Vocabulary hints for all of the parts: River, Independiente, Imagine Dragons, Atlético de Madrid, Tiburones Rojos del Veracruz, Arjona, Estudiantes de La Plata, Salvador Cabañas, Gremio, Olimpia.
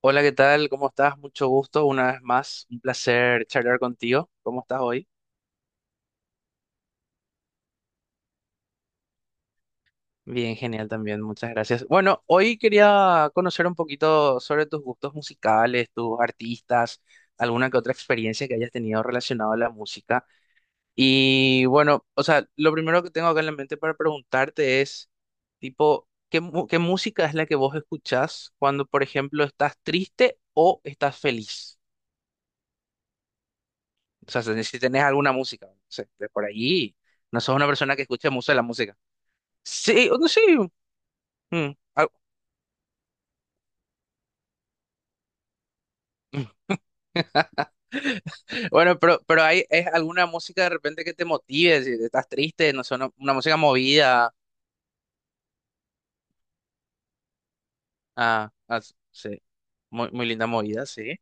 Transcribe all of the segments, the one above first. Hola, ¿qué tal? ¿Cómo estás? Mucho gusto, una vez más, un placer charlar contigo. ¿Cómo estás hoy? Bien, genial también, muchas gracias. Bueno, hoy quería conocer un poquito sobre tus gustos musicales, tus artistas, alguna que otra experiencia que hayas tenido relacionado a la música. Y bueno, o sea, lo primero que tengo acá en la mente para preguntarte es, tipo, ¿qué música es la que vos escuchás cuando, por ejemplo, estás triste o estás feliz? O sea, si tenés alguna música, no sé, de por allí, no sos una persona que escuche mucho la música. Sí, no sí. mm, al- Bueno, pero hay, es alguna música de repente que te motive, si estás triste, no sé, una música movida, ah, ah, sí, muy, muy linda movida, sí.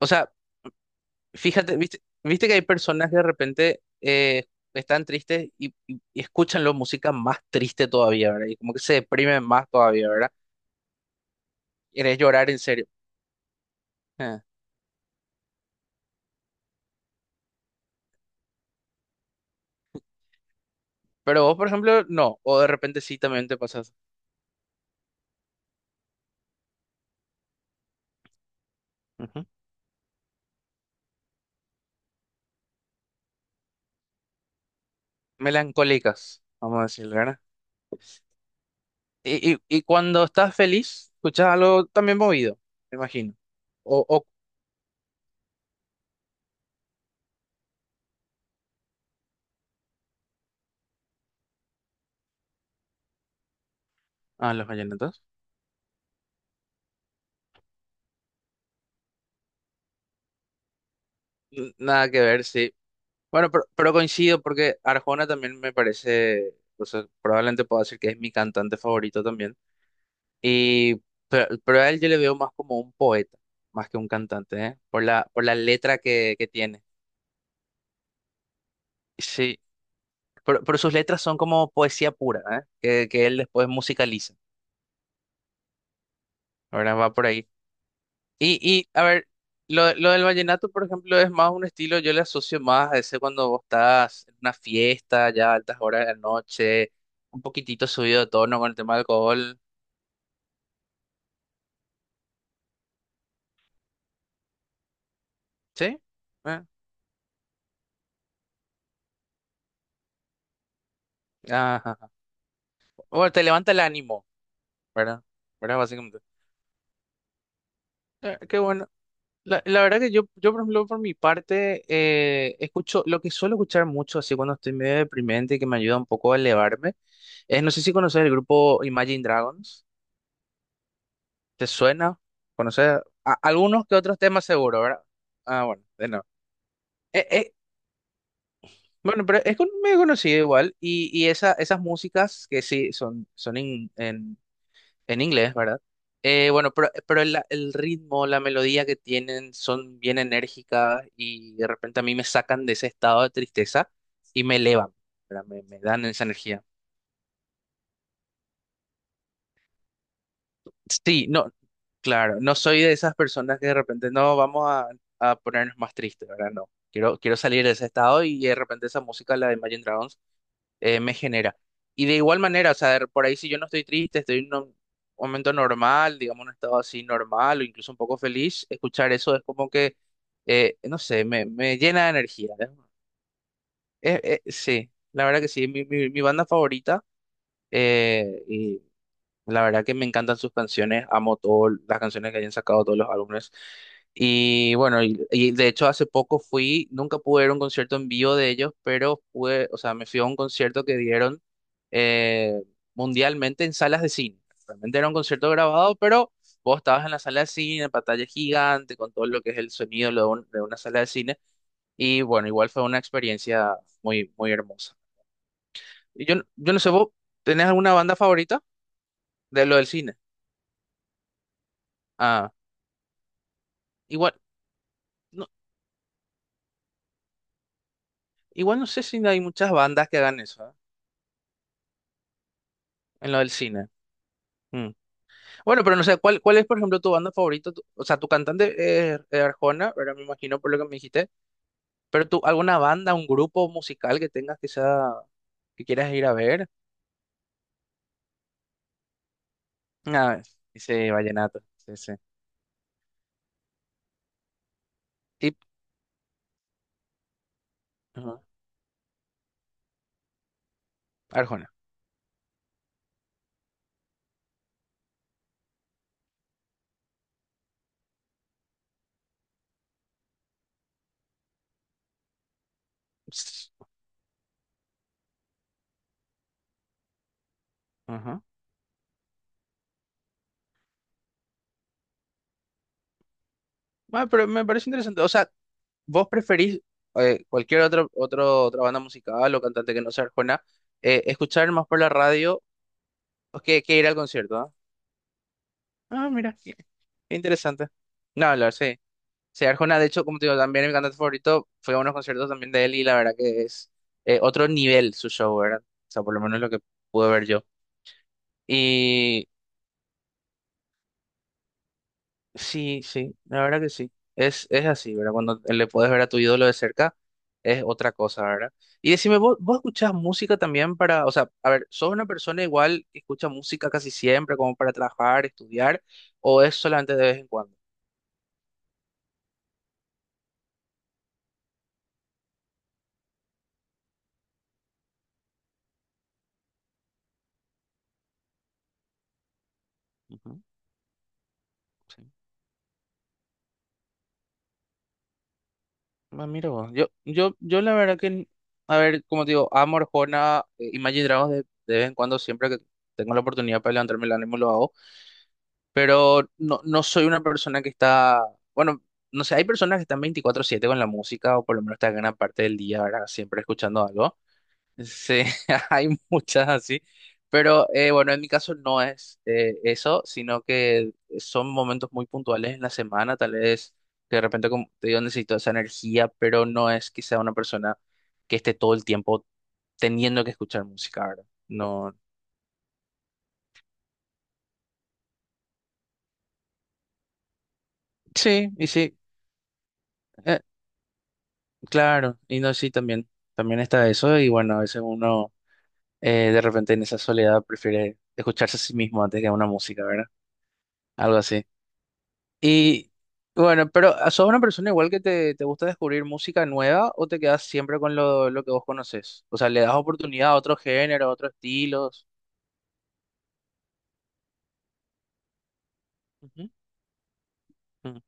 O sea, fíjate, viste, viste que hay personas que de repente están tristes y escuchan la música más triste todavía, ¿verdad? Y como que se deprimen más todavía, ¿verdad? Quieres llorar en serio. Ah. Pero vos, por ejemplo, no. O de repente sí también te pasas. Ujú. Melancólicas, vamos a decir, ¿verdad? Y cuando estás feliz, escuchas algo también movido, me imagino. O... Ah, los vallenatos. N- Nada que ver, sí. Bueno, pero coincido porque Arjona también me parece, o sea, probablemente puedo decir que es mi cantante favorito también. Y, pero a él yo le veo más como un poeta, más que un cantante, ¿eh? Por por la letra que tiene. Sí, pero sus letras son como poesía pura, ¿eh? Que él después musicaliza, ¿verdad? Va por ahí. Y a ver, lo del vallenato, por ejemplo, es más un estilo, yo le asocio más a ese cuando vos estás en una fiesta, ya a altas horas de la noche, un poquitito subido de tono con el tema del alcohol, ¿sí? ¿Eh? Ajá. Bueno, te levanta el ánimo, ¿verdad? ¿Verdad? Básicamente. Qué bueno. La verdad que yo, por ejemplo, por mi parte, escucho, lo que suelo escuchar mucho, así cuando estoy medio deprimente y que me ayuda un poco a elevarme, es, no sé si conoces el grupo Imagine Dragons, ¿te suena? ¿Conoces a- algunos que otros temas seguro, ¿verdad? Ah, bueno, de no. Eh, eh, bueno, pero es con- medio conocido igual, y esa, esas músicas que sí, son, son en inglés, ¿verdad? Bueno, pero el ritmo, la melodía que tienen son bien enérgicas y de repente a mí me sacan de ese estado de tristeza y me elevan, ¿verdad? Me dan esa energía. Sí, no, claro, no soy de esas personas que de repente no vamos a ponernos más tristes, ¿verdad? No, quiero, quiero salir de ese estado y de repente esa música, la de Imagine Dragons. Me genera. Y de igual manera, o sea, de- por ahí si yo no estoy triste, estoy en un momento normal, digamos, un estado así normal o incluso un poco feliz, escuchar eso es como que, no sé, me llena de energía. ¿Eh? Sí, la verdad que sí, mi banda favorita. eh, la verdad que me encantan sus canciones, amo todas las canciones que hayan sacado, todos los álbumes. Y bueno, y de hecho hace poco fui, nunca pude ir a un concierto en vivo de ellos, pero pude, o sea, me fui a un concierto que dieron eh, mundialmente en salas de cine. Realmente era un concierto grabado, pero vos estabas en la sala de cine, pantalla gigante, con todo lo que es el sonido lo de un- de una sala de cine. Y bueno, igual fue una experiencia muy, muy hermosa. Y yo, no- yo no sé, ¿vos tenés alguna banda favorita de lo del cine? Ah. Igual, no, igual no sé si hay muchas bandas que hagan eso, ¿eh? En lo del cine. Mm. Bueno, pero no sé, ¿cuál, cuál es, por ejemplo, tu banda favorita? Tu- o sea, tu cantante es Arjona, pero me imagino por lo que me dijiste. Pero tú, ¿alguna banda, un grupo musical que tengas que sea, que quieras ir a ver? Ah, ese vallenato, sí, sí. Tip, ajá, Arjona. Ps, ajá. Ah, pero me parece interesante. O sea, ¿vos preferís cualquier otra banda musical o cantante que no sea Arjona, escuchar más por la radio que ir al concierto? ¿ah? Ah, mira, qué interesante. No, hablar, sí. Sí, Arjona, de hecho, como te digo, también es mi cantante favorito fue a unos conciertos también de él y la verdad que es otro nivel su show, ¿verdad? O sea, por lo menos lo que pude ver yo. Y sí, sí, la verdad que sí. Es así, ¿verdad? Cuando le puedes ver a tu ídolo de cerca, es otra cosa, ¿verdad? Y decime, ¿vos, vos escuchás música también para, o sea, a ver, ¿sos una persona igual que escucha música casi siempre, como para trabajar, estudiar, o es solamente de vez en cuando? Ujú. Ah, mira vos. Yo la verdad que, n- a ver, como te digo, amo Arjona, Imagine Dragons de vez en cuando, siempre que tengo la oportunidad para levantarme el ánimo lo hago, pero no, no soy una persona que está, bueno, no sé, hay personas que están 24/7 con la música o por lo menos están gran parte del día, ¿verdad? Siempre escuchando algo. Sí, hay muchas así, pero bueno, en mi caso no es eso, sino que son momentos muy puntuales en la semana, tal vez que de repente, como te digo, necesito esa energía, pero no es que sea una persona que esté todo el tiempo teniendo que escuchar música, ¿verdad? No, sí, y sí, eh, claro, y no, sí, también, también está eso, y bueno, a veces uno de repente en esa soledad prefiere escucharse a sí mismo antes que a una música, ¿verdad? Algo así. Y bueno, pero ¿ah, ¿sos una persona igual que te gusta descubrir música nueva o te quedas siempre con lo que vos conoces? O sea, ¿le das oportunidad a otros géneros, a otros estilos? Ujú, ujú.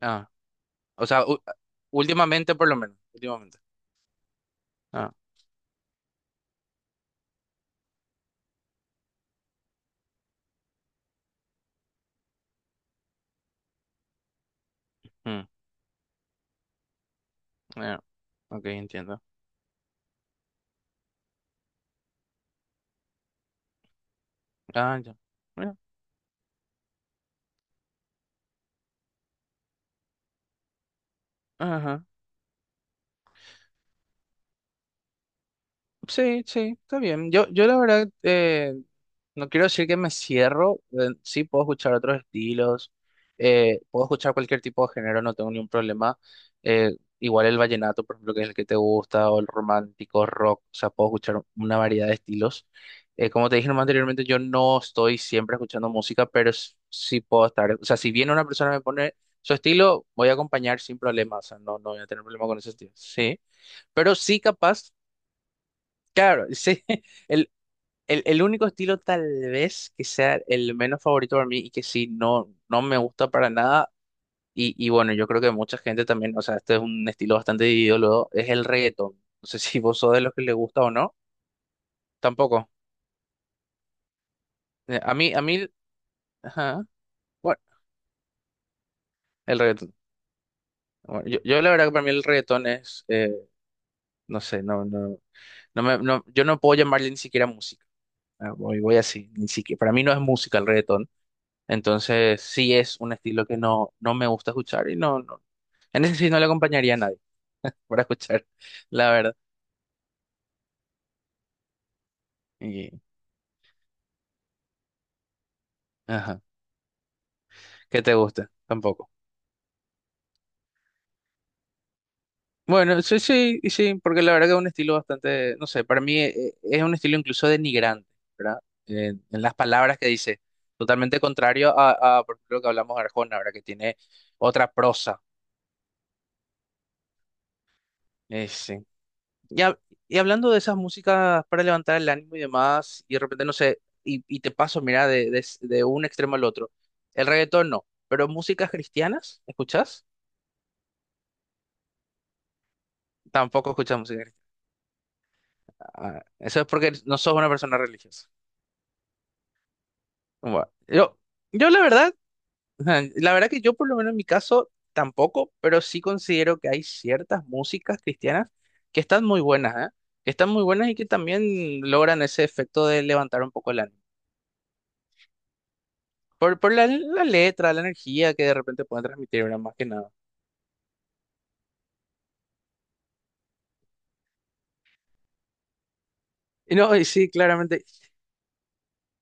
Ah, o sea, u- últimamente por lo menos, últimamente. Ah, mm, ah, ok, entiendo. Ah, ya. Bueno, ajá. Sí, sí, está bien. Yo la verdad, no quiero decir que me cierro, sí puedo escuchar otros estilos, puedo escuchar cualquier tipo de género, no tengo ningún problema. Eh, igual el vallenato, por ejemplo, que es el que te gusta, o el romántico, rock, o sea, puedo escuchar una variedad de estilos. Como te dije nomás anteriormente, yo no estoy siempre escuchando música, pero s- sí puedo estar, o sea, si viene una persona y me pone su estilo, voy a acompañar sin problemas, o sea, no, no voy a tener problema con ese estilo. Sí. Pero sí capaz, claro, sí. El, el único estilo tal vez que sea el menos favorito para mí y que sí, no, no me gusta para nada. Y bueno, yo creo que mucha gente también, o sea, este es un estilo bastante dividido luego, es el reggaetón. No sé si vos sos de los que le gusta o no. Tampoco. A mí, a mí, ajá. Bueno, el reggaetón. Bueno, yo la verdad que para mí el reggaetón es, no sé, no, no, no me, no, yo no puedo llamarle ni siquiera música. Ah, voy, voy así, ni siquiera. Para mí no es música el reggaetón. Entonces, sí es un estilo que no, no me gusta escuchar y no, no, en ese sí no le acompañaría a nadie para escuchar, la verdad. Y, ajá, qué te gusta, tampoco. Bueno, sí, sí, y sí, porque la verdad que es un estilo bastante, no sé, para mí es, un estilo incluso denigrante, ¿verdad? En las palabras que dice, totalmente contrario a, por ejemplo, lo que hablamos de Arjona, ¿verdad? Que tiene otra prosa. Sí. Y, hab- y hablando de esas músicas para levantar el ánimo y demás, y de repente, no sé, y te paso, mira, de un extremo al otro. El reggaetón no, pero músicas cristianas, ¿escuchás? Tampoco escuchas música cristiana. Ah, eso es porque no sos una persona religiosa. Bueno, yo la verdad, ajá, la verdad que yo por lo menos en mi caso tampoco, pero sí considero que hay ciertas músicas cristianas que están muy buenas, ¿eh? Que están muy buenas y que también logran ese efecto de levantar un poco el ánimo. Por la, la letra, la energía que de repente pueden transmitir, ¿verdad? Más que nada. Y no, y sí, claramente.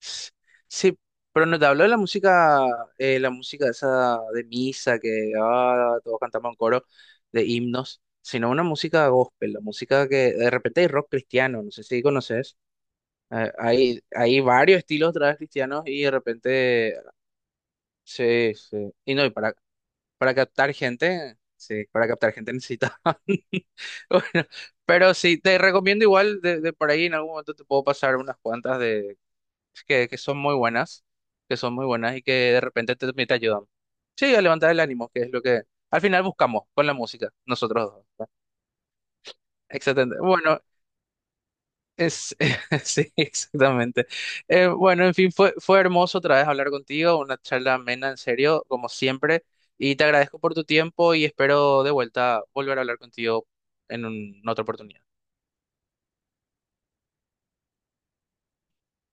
S- Sí, pero no te hablo de la música esa de misa, que ah, todos cantamos en coro, de himnos, sino una música gospel, la música que de repente hay rock cristiano, no sé si conoces. Hay, hay varios estilos de trap cristianos y de repente. Sí, sí. Y no, y para. Para captar gente, sí, para captar gente necesita. Bueno, pero sí, te recomiendo igual de por ahí en algún momento te puedo pasar unas cuantas de que son muy buenas, que son muy buenas y que de repente te, te ayudan. Sí, a levantar el ánimo, que es lo que al final buscamos con la música, nosotros dos. ¿Verdad? Excelente. Bueno, es, sí, exactamente. Bueno, en fin, fue, fue hermoso otra vez hablar contigo, una charla amena, en serio, como siempre, y te agradezco por tu tiempo y espero de vuelta volver a hablar contigo en un- en otra oportunidad.